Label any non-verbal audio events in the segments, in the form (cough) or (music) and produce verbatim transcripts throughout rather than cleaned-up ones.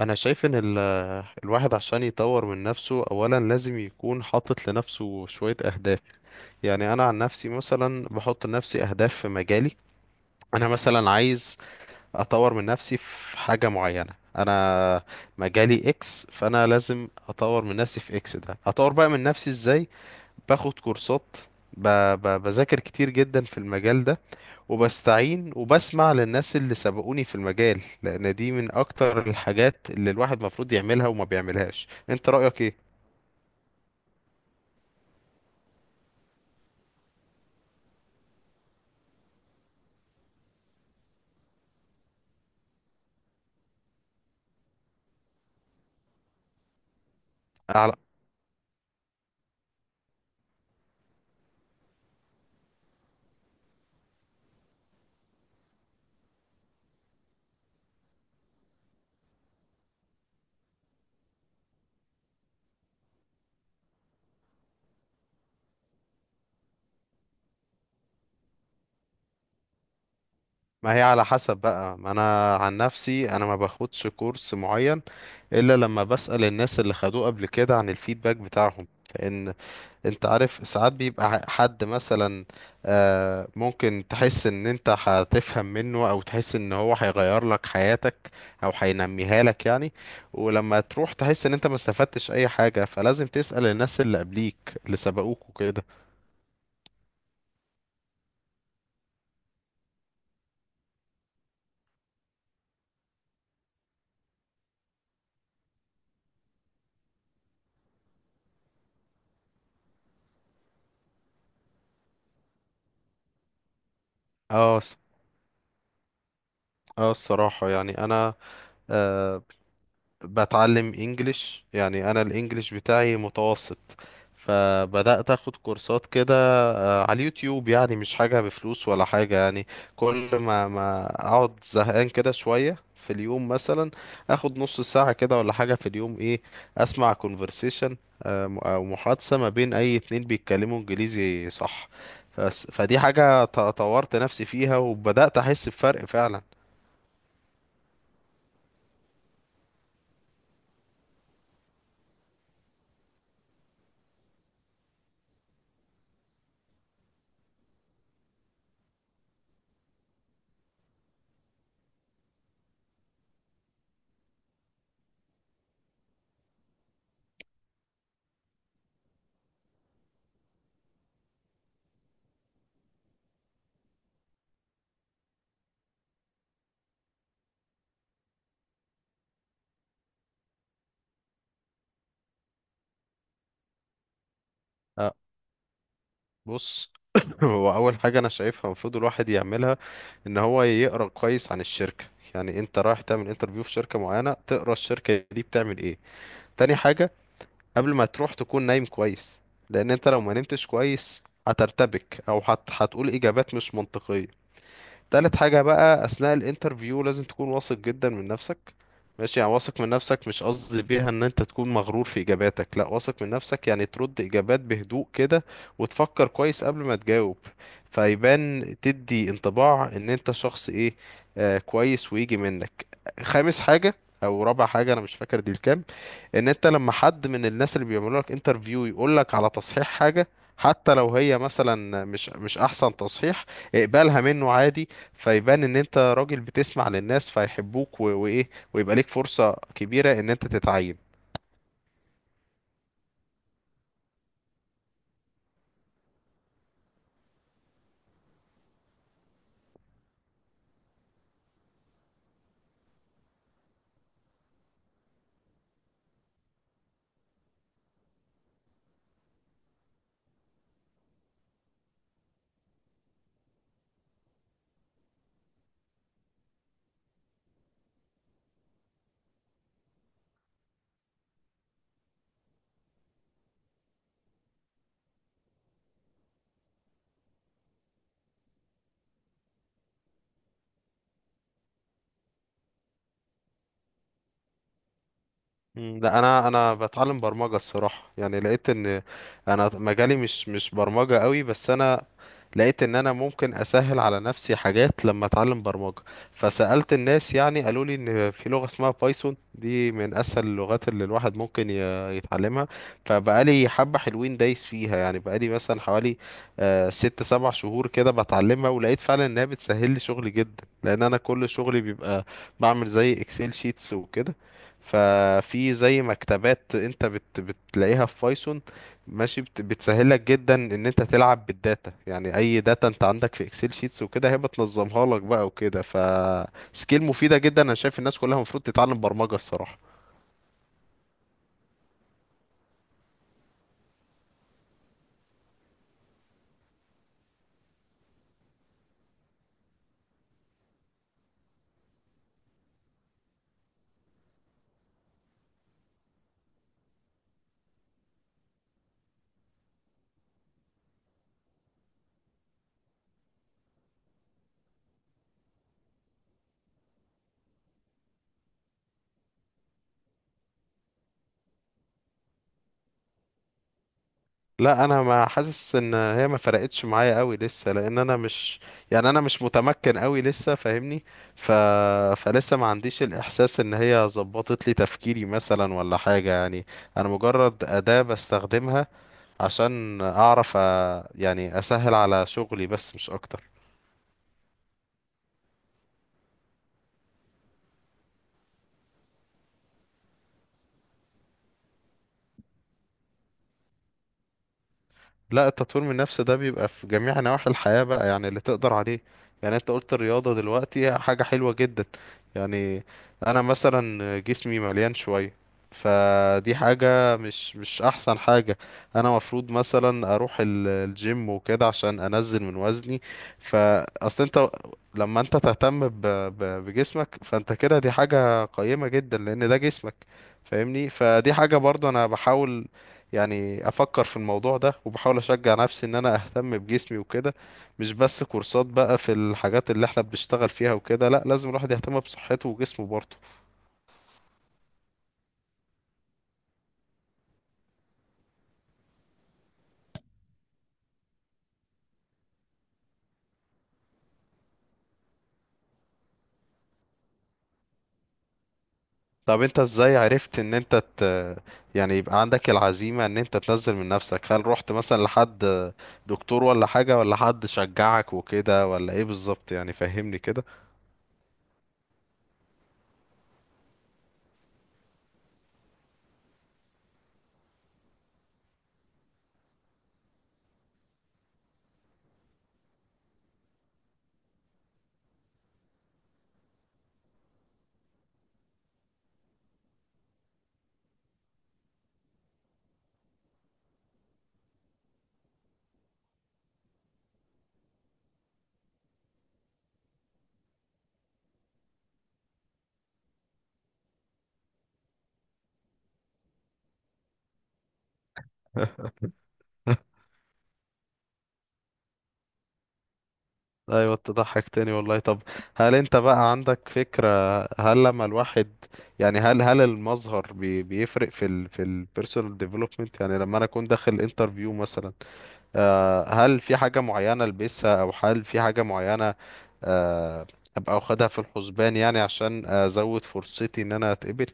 انا شايف ان ال... الواحد عشان يطور من نفسه اولا لازم يكون حاطط لنفسه شوية اهداف. يعني انا عن نفسي مثلا بحط لنفسي اهداف في مجالي. انا مثلا عايز اطور من نفسي في حاجة معينة. انا مجالي اكس، فانا لازم اطور من نفسي في اكس ده. اطور بقى من نفسي ازاي؟ باخد كورسات، ب... ب... بذاكر كتير جدا في المجال ده، وبستعين وبسمع للناس اللي سبقوني في المجال، لان دي من اكتر الحاجات اللي الواحد مفروض يعملها وما بيعملهاش. انت رأيك ايه؟ على، ما هي على حسب بقى. ما انا عن نفسي انا ما باخدش كورس معين الا لما بسأل الناس اللي خدوه قبل كده عن الفيدباك بتاعهم. لان انت عارف ساعات بيبقى ح- حد مثلا آه، ممكن تحس ان انت هتفهم منه، او تحس ان هو هيغير لك حياتك او هينميها لك يعني. ولما تروح تحس ان انت ما استفدتش اي حاجة، فلازم تسأل الناس اللي قبليك اللي سبقوك وكده. اه الص- اه الصراحة يعني انا آه، بتعلم انجليش. يعني انا الانجليش بتاعي متوسط، فبدأت اخد كورسات كده آه، على اليوتيوب، يعني مش حاجة بفلوس ولا حاجة يعني. كل ما ما اقعد زهقان كده شوية في اليوم مثلا، اخد نص ساعة كده ولا حاجة في اليوم. ايه، اسمع conversation، آه، م- او محادثة ما بين اي اتنين بيتكلموا انجليزي، صح؟ فس- فدي حاجة ط- طورت نفسي فيها وبدأت احس بفرق فعلا. آه، بص، (coughs) (laughs) هو اول حاجه انا شايفها المفروض الواحد يعملها، ان هو يقرا كويس عن الشركه. يعني انت رايح تعمل انترفيو في شركه معينه، تقرا الشركه دي بتعمل ايه. تاني حاجه، قبل ما تروح تكون نايم كويس، لان انت لو ما نمتش كويس هترتبك او هت... هتقول اجابات مش منطقيه. تالت حاجة بقى، أثناء الانترفيو لازم تكون واثق جدا من نفسك. ماشي، يعني واثق من نفسك، مش قصدي بيها ان انت تكون مغرور في اجاباتك، لا، واثق من نفسك يعني ترد اجابات بهدوء كده، وتفكر كويس قبل ما تجاوب، فيبان تدي انطباع ان انت شخص ايه، آه، كويس ويجي منك. خامس حاجة او رابع حاجة، انا مش فاكر دي الكام، ان انت لما حد من الناس اللي بيعملوا لك انترفيو يقول لك على تصحيح حاجة، حتى لو هي مثلا مش مش احسن تصحيح، اقبلها منه عادي. فيبان ان انت راجل بتسمع للناس، فيحبوك و- وايه، ويبقى ليك فرصة كبيرة ان انت تتعين. مم، لا، انا انا بتعلم برمجه الصراحه. يعني لقيت ان انا مجالي مش مش برمجه قوي، بس انا لقيت ان انا ممكن اسهل على نفسي حاجات لما اتعلم برمجه. فسالت الناس، يعني قالوا لي ان في لغه اسمها بايثون، دي من اسهل اللغات اللي الواحد ممكن ي- يتعلمها. فبقالي حبه حلوين دايس فيها، يعني بقالي مثلا حوالي آه، ست سبع شهور كده بتعلمها، ولقيت فعلا انها بتسهل لي شغلي جدا، لان انا كل شغلي بيبقى بعمل زي اكسل شيتس وكده. ففي زي مكتبات انت بت بتلاقيها في بايثون، ماشي، بت بتسهلك جدا ان انت تلعب بالداتا. يعني اي داتا انت عندك في اكسل شيتس وكده، هي بتنظمها لك بقى وكده. فسكيل مفيدة جدا، انا شايف الناس كلها المفروض تتعلم برمجة الصراحة. لا، انا ما حاسس ان هي ما فرقتش معايا قوي لسه، لان انا مش، يعني انا مش متمكن قوي لسه، فاهمني؟ ف... فلسه ما عنديش الاحساس ان هي ظبطت لي تفكيري مثلا ولا حاجة يعني. انا مجرد أداة بستخدمها عشان اعرف أ... يعني اسهل على شغلي بس، مش اكتر. لا، التطوير من النفس ده بيبقى في جميع نواحي الحياة بقى، يعني اللي تقدر عليه. يعني انت قلت الرياضة دلوقتي، هي حاجة حلوة جدا. يعني انا مثلا جسمي مليان شوية، فدي حاجة مش مش احسن حاجة. انا مفروض مثلا اروح ال- الجيم وكده عشان انزل من وزني. فاصل، انت لما انت تهتم ب- ب- بجسمك، فانت كده دي حاجة قيمة جدا، لان ده جسمك، فاهمني؟ فدي حاجة برضو انا بحاول يعني افكر في الموضوع ده، وبحاول اشجع نفسي ان انا اهتم بجسمي وكده. مش بس كورسات بقى في الحاجات اللي احنا بنشتغل فيها وكده، لا، لازم الواحد يهتم بصحته وجسمه برضه. طب انت ازاي عرفت ان انت ت... يعني يبقى عندك العزيمة ان انت تنزل من نفسك؟ هل رحت مثلا لحد دكتور ولا حاجة، ولا حد شجعك وكده، ولا ايه بالظبط؟ يعني فهمني كده. (laughs) ايوه، تضحك تاني والله. طب هل انت بقى عندك فكرة، هل لما الواحد يعني، هل هل المظهر بي بيفرق في ال في البيرسونال ديفلوبمنت؟ يعني لما انا اكون داخل انترفيو مثلا، آه، هل في حاجة معينة البسها، او هل في حاجة معينة آه، ابقى واخدها في الحسبان، يعني عشان ازود فرصتي ان انا اتقبل؟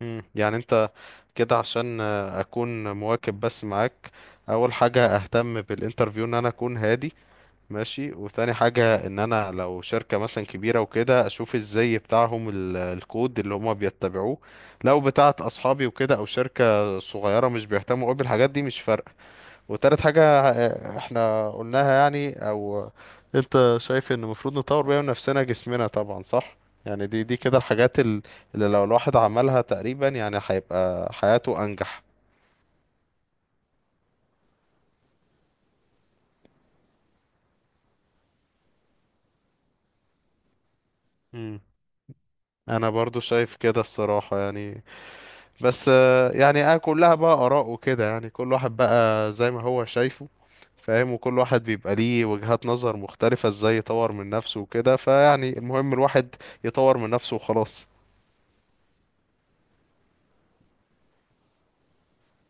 مم. يعني انت كده، عشان آه، اكون مواكب بس معاك: اول حاجة اهتم بالانترفيو ان انا اكون هادي، ماشي، وتاني حاجة، ان انا لو شركة مثلا كبيرة وكده، اشوف الزي بتاعهم ال- الكود اللي هما بيتبعوه. لو بتاعت اصحابي وكده، او شركة صغيرة مش بيهتموا قوي بالحاجات دي، مش فارقة. وتالت حاجة آه، احنا قلناها يعني، او انت شايف ان المفروض نطور بيها من نفسنا جسمنا طبعا، صح؟ يعني دي دي كده الحاجات ال- اللي لو الواحد عملها تقريبا يعني هيبقى حياته انجح. مم. انا برضو شايف كده الصراحة يعني. بس آه، يعني انا كلها بقى اراء وكده، يعني كل واحد بقى زي ما هو شايفه، فاهم، وكل واحد بيبقى ليه وجهات نظر مختلفة ازاي يطور من نفسه وكده. فيعني المهم الواحد يطور من نفسه وخلاص.